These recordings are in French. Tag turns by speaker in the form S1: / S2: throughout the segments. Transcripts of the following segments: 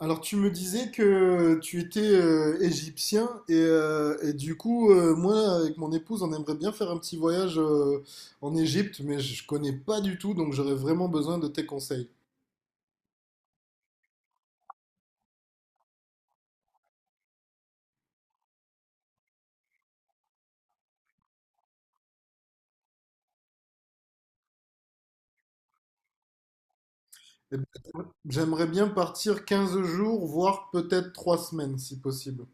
S1: Alors tu me disais que tu étais égyptien et du coup moi avec mon épouse on aimerait bien faire un petit voyage en Égypte mais je connais pas du tout donc j'aurais vraiment besoin de tes conseils. Et ben, j'aimerais bien partir 15 jours voire peut-être 3 semaines si possible.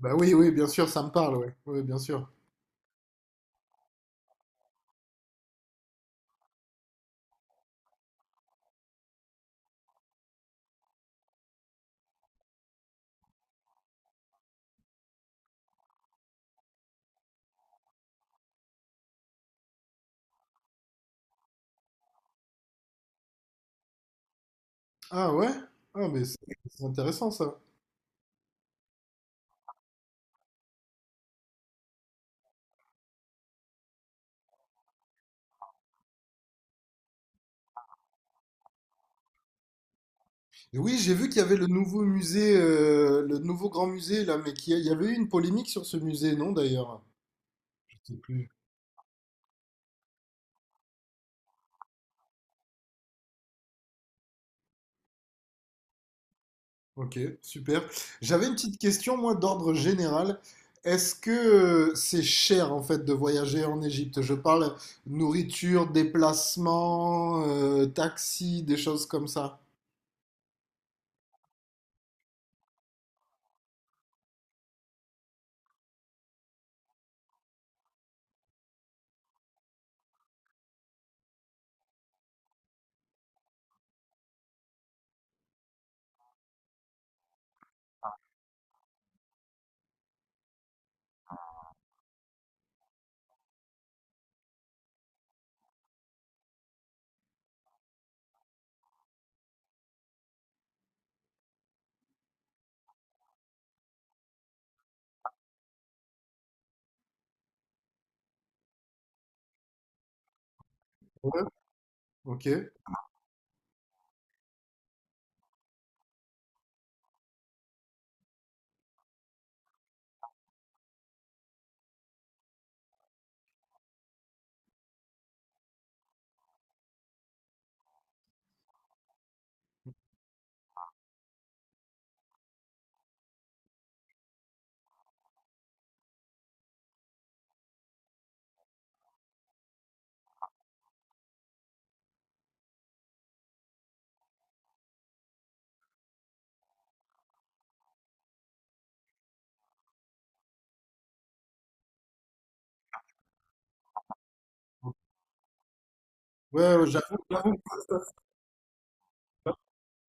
S1: Bah oui, oui, bien sûr, ça me parle, ouais. Oui, bien sûr. Ah ouais? Ah mais c'est intéressant ça. Et oui, j'ai vu qu'il y avait le nouveau musée le nouveau grand musée là, mais qu'il y avait eu une polémique sur ce musée, non, d'ailleurs? Ok, super. J'avais une petite question, moi, d'ordre général. Est-ce que c'est cher, en fait, de voyager en Égypte? Je parle nourriture, déplacement, taxi, des choses comme ça. Ouais. Ok. Ouais, ouais, j'avoue, j'avoue.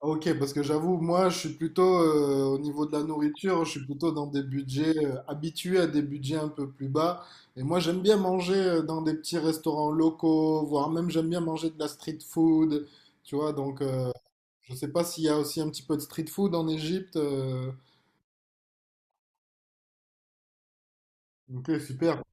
S1: Ok, parce que j'avoue, moi, je suis plutôt, au niveau de la nourriture, je suis plutôt dans des budgets, habitué à des budgets un peu plus bas. Et moi, j'aime bien manger dans des petits restaurants locaux, voire même j'aime bien manger de la street food, tu vois, donc je sais pas s'il y a aussi un petit peu de street food en Égypte. Ok, super.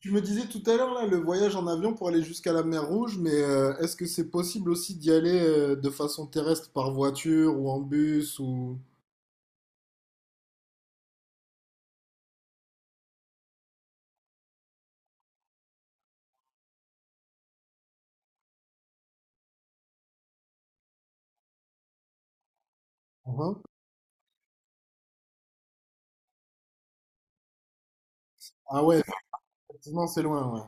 S1: Tu me disais tout à l'heure là le voyage en avion pour aller jusqu'à la mer Rouge, mais est-ce que c'est possible aussi d'y aller de façon terrestre par voiture ou en bus ou en. Ah ouais, effectivement, c'est loin, ouais.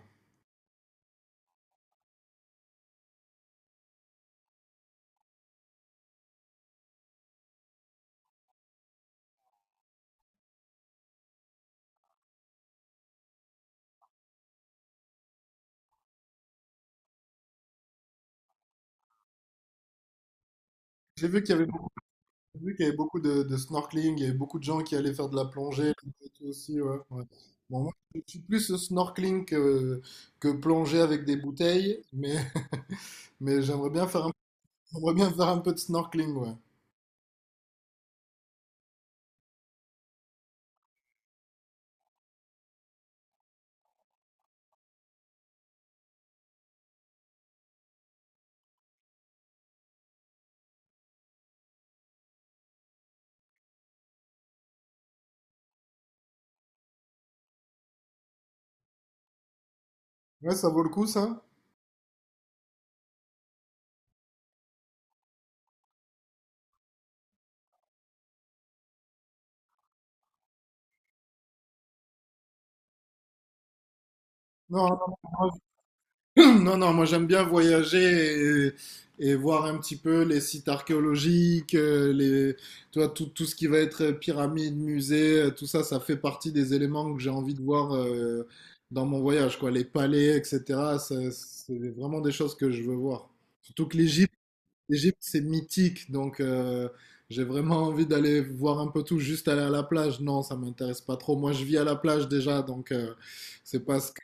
S1: J'ai vu qu'il y avait beaucoup, j'ai vu qu'il y avait beaucoup de snorkeling, il y avait beaucoup de gens qui allaient faire de la plongée et tout aussi, ouais, ouais. Bon, moi, je suis plus snorkeling que plongée avec des bouteilles, mais, mais j'aimerais bien faire. J'aimerais bien faire un peu de snorkeling, ouais. Ouais, ça vaut le coup, ça? Non, non, non, non, non, moi j'aime bien voyager et voir un petit peu les sites archéologiques, les, tu vois, tout, tout ce qui va être pyramide, musée, tout ça, ça fait partie des éléments que j'ai envie de voir dans mon voyage, quoi. Les palais, etc. C'est vraiment des choses que je veux voir. Surtout que l'Égypte, l'Égypte, c'est mythique, donc j'ai vraiment envie d'aller voir un peu tout, juste aller à la plage. Non, ça m'intéresse pas trop. Moi, je vis à la plage déjà, donc c'est pas ce que,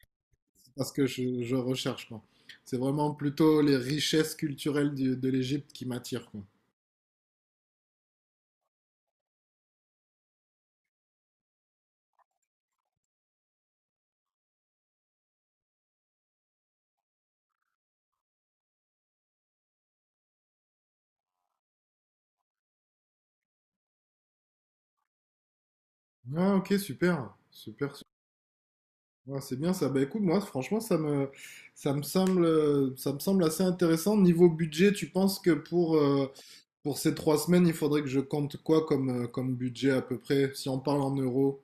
S1: c'est pas ce que je recherche, quoi. C'est vraiment plutôt les richesses culturelles de l'Égypte qui m'attirent, quoi. Ah, ok, super, super, super. Ouais, c'est bien ça. Bah écoute, moi, franchement, ça me semble assez intéressant. Niveau budget, tu penses que pour ces trois semaines, il faudrait que je compte quoi comme, comme budget à peu près, si on parle en euros?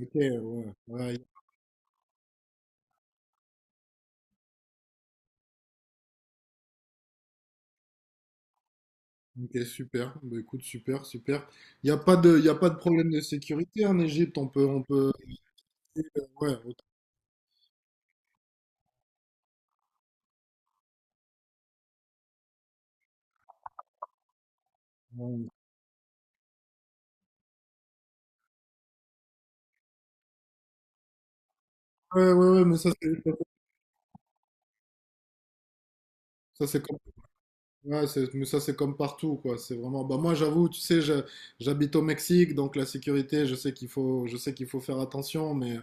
S1: Ok, ouais, ouais, ok, super. Bah, écoute, super, super. Il n'y a pas de, il a pas de problème de sécurité en Égypte. On peut, on peut. Ouais, ouais, ouais, ouais, mais ça, c'est comme, ouais, c'est- mais ça, c'est comme partout, quoi. C'est vraiment. Bah, moi, j'avoue, tu sais, je- j'habite au Mexique, donc la sécurité, je sais qu'il faut faire attention,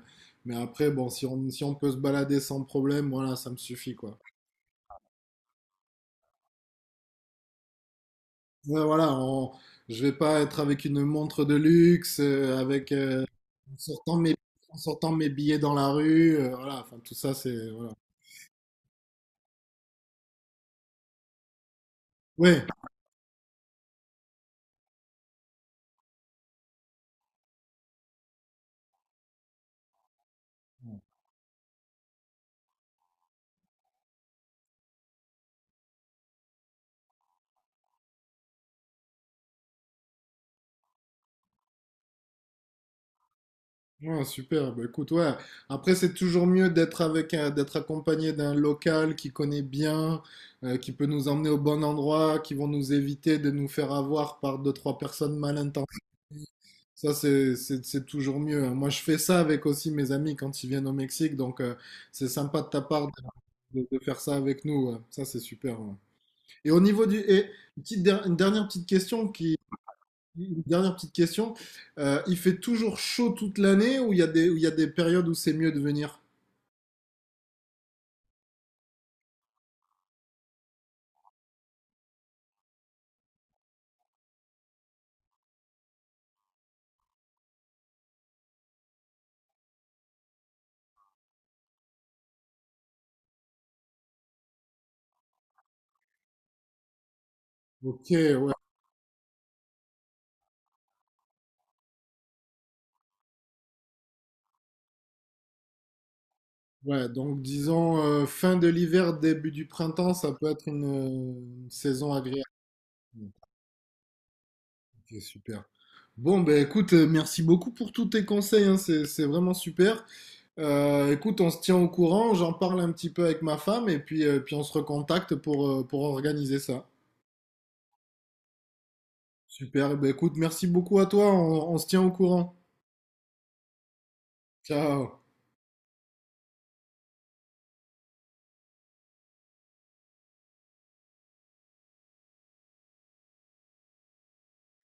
S1: mais après, bon, si on peut se balader sans problème, voilà, ça me suffit, quoi. Ouais, voilà, on- je vais pas être avec une montre de luxe, avec. En sortant mes, en sortant mes billets dans la rue, voilà, enfin tout ça c'est voilà. Ouais, ouais, super. Bah, écoute, ouais. Après, c'est toujours mieux d'être avec, un- d'être accompagné d'un local qui connaît bien, qui peut nous emmener au bon endroit, qui vont nous éviter de nous faire avoir par deux, trois personnes mal intentionnées. Ça, c'est toujours mieux, hein. Moi, je fais ça avec aussi mes amis quand ils viennent au Mexique. Donc, c'est sympa de ta part de, de faire ça avec nous, ouais. Ça, c'est super, ouais. Et au niveau du... Et une petite une dernière petite question qui, une dernière petite question. Il fait toujours chaud toute l'année ou il y a des, ou il y a des périodes où c'est mieux de venir? Ok, ouais. Ouais, donc disons fin de l'hiver, début du printemps, ça peut être une saison agréable. Ok, super. Bon, ben écoute, merci beaucoup pour tous tes conseils, hein, c'est vraiment super. Écoute, on se tient au courant, j'en parle un petit peu avec ma femme et puis, puis on se recontacte pour organiser ça. Super, eh ben écoute, merci beaucoup à toi, on se tient au courant. Ciao.